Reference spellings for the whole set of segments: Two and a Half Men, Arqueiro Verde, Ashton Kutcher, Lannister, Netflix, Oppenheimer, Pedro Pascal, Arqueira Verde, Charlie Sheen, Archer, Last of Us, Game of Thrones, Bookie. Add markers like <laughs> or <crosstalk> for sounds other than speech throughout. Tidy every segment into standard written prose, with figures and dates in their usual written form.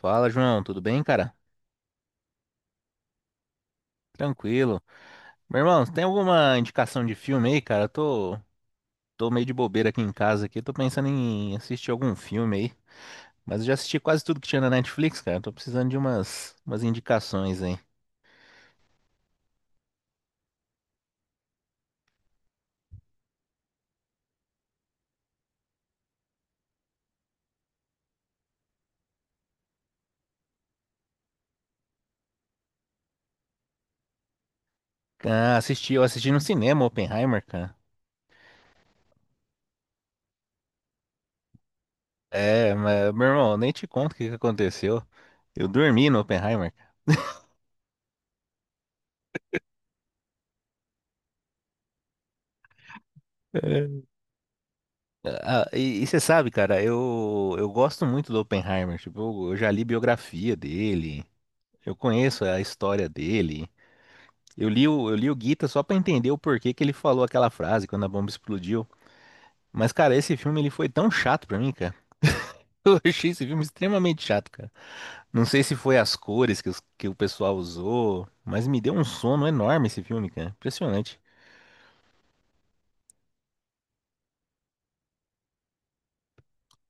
Fala, João, tudo bem, cara? Tranquilo. Meu irmão, você tem alguma indicação de filme aí, cara? Eu tô meio de bobeira aqui em casa aqui, tô pensando em assistir algum filme aí. Mas eu já assisti quase tudo que tinha na Netflix, cara. Tô precisando de umas indicações aí. Ah, eu assisti no cinema Oppenheimer, cara. É, mas, meu irmão, nem te conto o que que aconteceu. Eu dormi no Oppenheimer. É. Ah, e você sabe, cara, eu gosto muito do Oppenheimer. Tipo, eu já li biografia dele. Eu conheço a história dele. Eu li o Gita só pra entender o porquê que ele falou aquela frase quando a bomba explodiu. Mas, cara, esse filme ele foi tão chato pra mim, cara. <laughs> Eu achei esse filme extremamente chato, cara. Não sei se foi as cores que o pessoal usou, mas me deu um sono enorme esse filme, cara. Impressionante.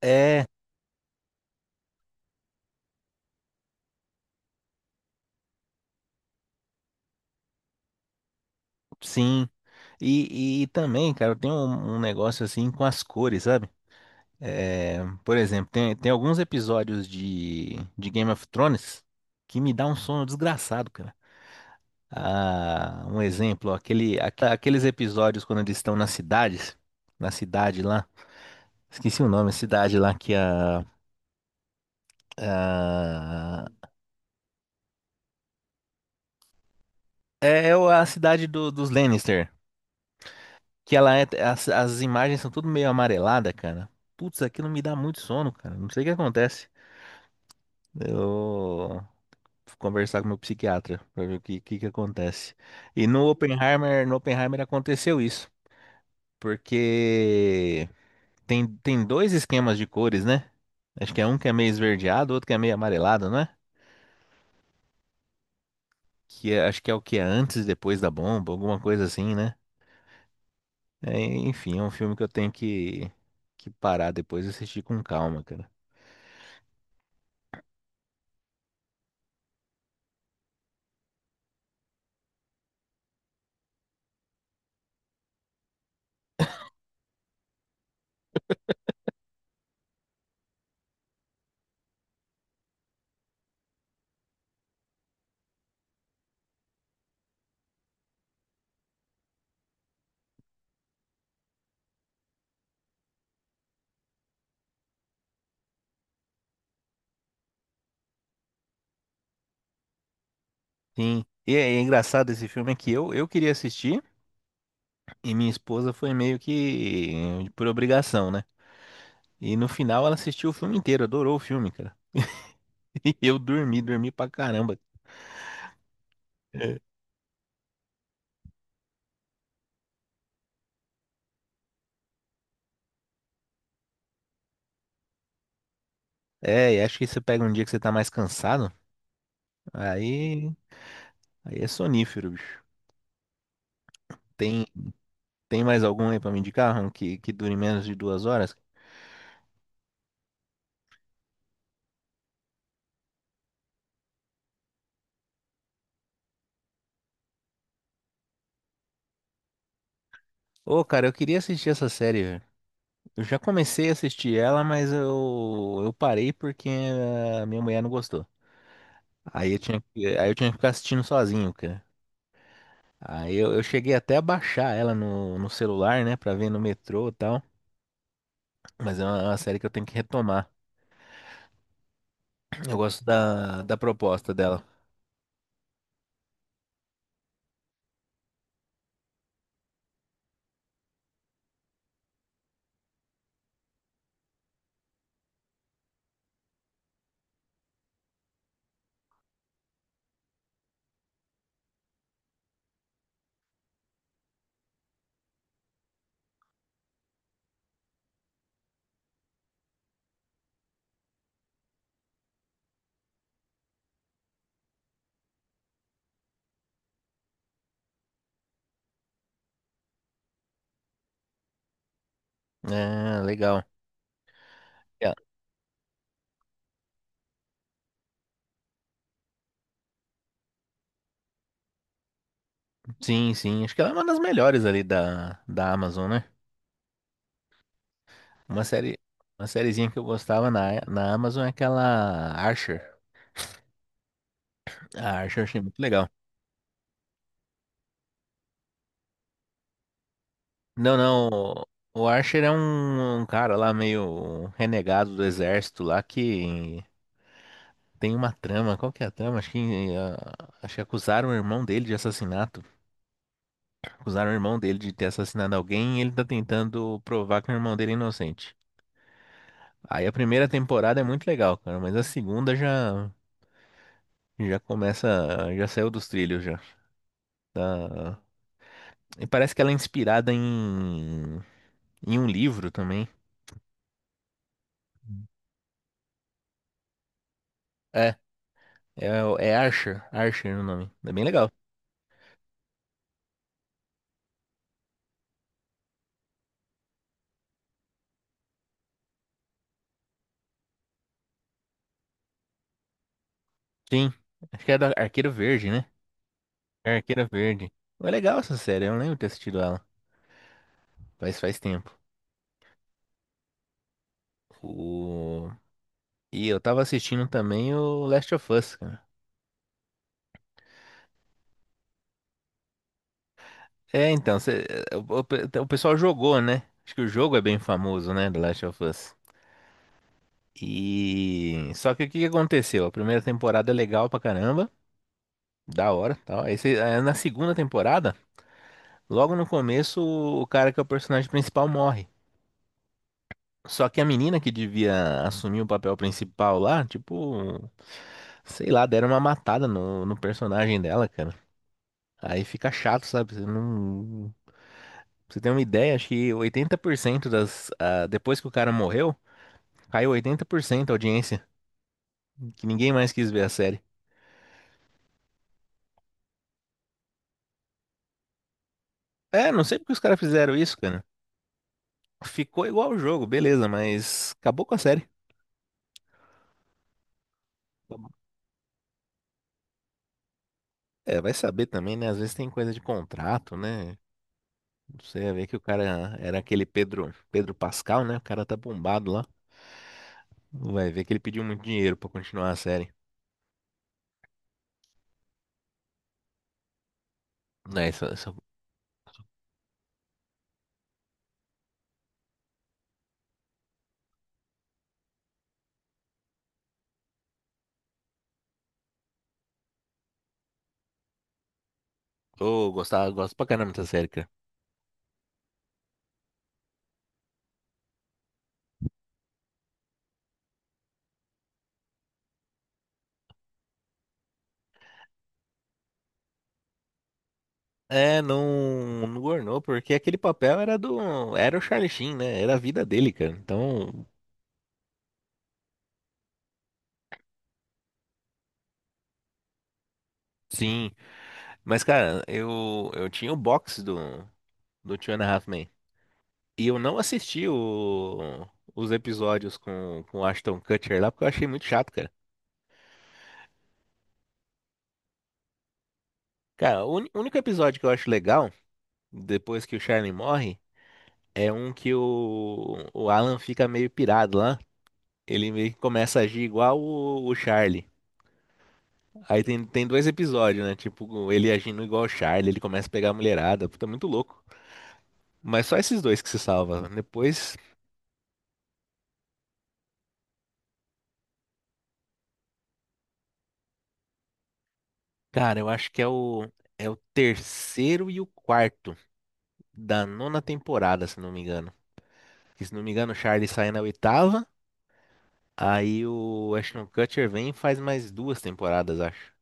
É, sim. E também, cara, tem um negócio assim com as cores, sabe? É, por exemplo, tem alguns episódios de Game of Thrones que me dá um sono desgraçado, cara. Ah, um exemplo, aqueles episódios quando eles estão nas cidades, na cidade lá, esqueci o nome, a cidade lá que a- a cidade dos Lannister, que as imagens são tudo meio amarelada, cara. Putz, aquilo me dá muito sono, cara. Não sei o que acontece. Eu vou conversar com meu psiquiatra pra ver que que acontece. E no Oppenheimer aconteceu isso, porque tem dois esquemas de cores, né? Acho que é um que é meio esverdeado, outro que é meio amarelado, não é? Acho que é o que é antes e depois da bomba, alguma coisa assim, né? É, enfim, é um filme que eu tenho que parar depois e assistir com calma, cara. Sim. E é engraçado, esse filme é que eu queria assistir e minha esposa foi meio que por obrigação, né? E no final ela assistiu o filme inteiro, adorou o filme, cara. <laughs> E eu dormi, dormi pra caramba. É, e acho que você pega um dia que você tá mais cansado, aí Aí é sonífero, bicho. Tem, tem mais algum aí pra me indicar, Ron, que dure menos de 2 horas? Ô, cara, eu queria assistir essa série, velho. Eu já comecei a assistir ela, mas eu parei porque a minha mulher não gostou. Aí eu tinha que ficar assistindo sozinho, cara. Aí eu cheguei até a baixar ela no celular, né, pra ver no metrô e tal. Mas é uma série que eu tenho que retomar. Eu gosto da proposta dela. É, legal. É, sim, sim. Acho que ela é uma das melhores ali da Amazon, né? Uma série, uma sériezinha que eu gostava na Amazon é aquela Archer. A Archer eu achei muito legal. Não, não, o Archer é um cara lá meio renegado do exército lá que tem uma trama. Qual que é a trama? Acho que acusaram o irmão dele de assassinato. Acusaram o irmão dele de ter assassinado alguém e ele tá tentando provar que o irmão dele é inocente. Aí a primeira temporada é muito legal, cara, mas a segunda já, começa, já saiu dos trilhos já. E parece que ela é inspirada em um livro também. É, é Archer, Archer é o nome. É bem legal. Sim, acho que é da Arqueiro Verde, né? É Arqueira Verde. É legal essa série, eu não lembro de ter assistido ela. Faz tempo. O... E eu tava assistindo também o Last of Us, cara. É, então, o pessoal jogou, né? Acho que o jogo é bem famoso, né? Do Last of Us. E. Só que o que que aconteceu? A primeira temporada é legal pra caramba. Da hora, tal. Na segunda temporada, logo no começo, o cara que é o personagem principal morre. Só que a menina que devia assumir o papel principal lá, tipo, sei lá, deram uma matada no personagem dela, cara. Aí fica chato, sabe? Você não. pra Você tem uma ideia, acho que 80% depois que o cara morreu, caiu 80% a audiência, que ninguém mais quis ver a série. É, não sei porque os caras fizeram isso, cara. Ficou igual o jogo, beleza, mas acabou com a série. É, vai saber também, né? Às vezes tem coisa de contrato, né? Você vai ver que o cara era aquele Pedro, Pedro Pascal, né? O cara tá bombado lá. Vai ver que ele pediu muito dinheiro pra continuar a série. É, isso, eu gostava, gosto pra caramba dessa série, cara. É, não, não ornou, porque aquele papel era era o Charlie Sheen, né? Era a vida dele, cara. Então, sim. Mas, cara, eu tinha o box do Two and a Half Men. E eu não assisti os episódios com o Ashton Kutcher lá, porque eu achei muito chato, cara. Cara, o único episódio que eu acho legal, depois que o Charlie morre, é um que o Alan fica meio pirado lá. Ele meio que começa a agir igual o Charlie. Aí tem dois episódios, né? Tipo, ele agindo igual o Charlie, ele começa a pegar a mulherada. Puta, é muito louco. Mas só esses dois que se salva. Depois, cara, eu acho que é o, terceiro e o quarto da nona temporada, se não me engano. Que, se não me engano, o Charlie sai na oitava. Aí o Ashton Kutcher vem e faz mais duas temporadas, acho.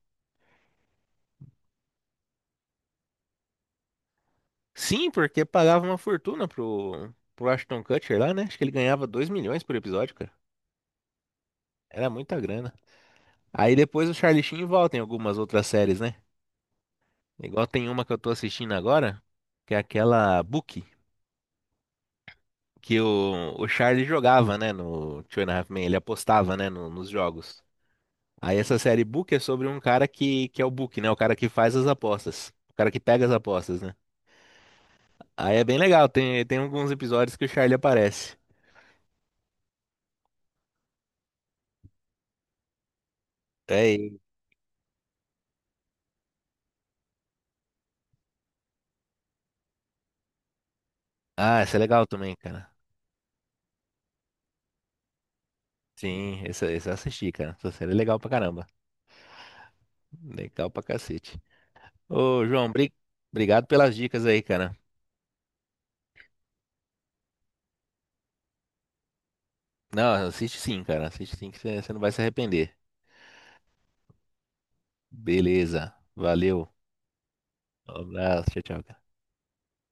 Sim, porque pagava uma fortuna pro Ashton Kutcher lá, né? Acho que ele ganhava 2 milhões por episódio, cara. Era muita grana. Aí depois o Charlie Sheen volta em algumas outras séries, né? Igual tem uma que eu tô assistindo agora, que é aquela Bookie, que o Charlie jogava, né? No Two and a Half Men, ele apostava, né? Nos jogos. Aí essa série Book é sobre um cara que é o Book, né? O cara que faz as apostas. O cara que pega as apostas, né? Aí é bem legal, tem alguns episódios que o Charlie aparece. É ele. Ah, essa é legal também, cara. Sim, essa eu assisti, cara. Essa série é legal pra caramba. Legal pra cacete. Ô, João, obrigado pelas dicas aí, cara. Não, assiste sim, cara. Assiste sim que você não vai se arrepender. Beleza. Valeu. Um abraço. Tchau, tchau.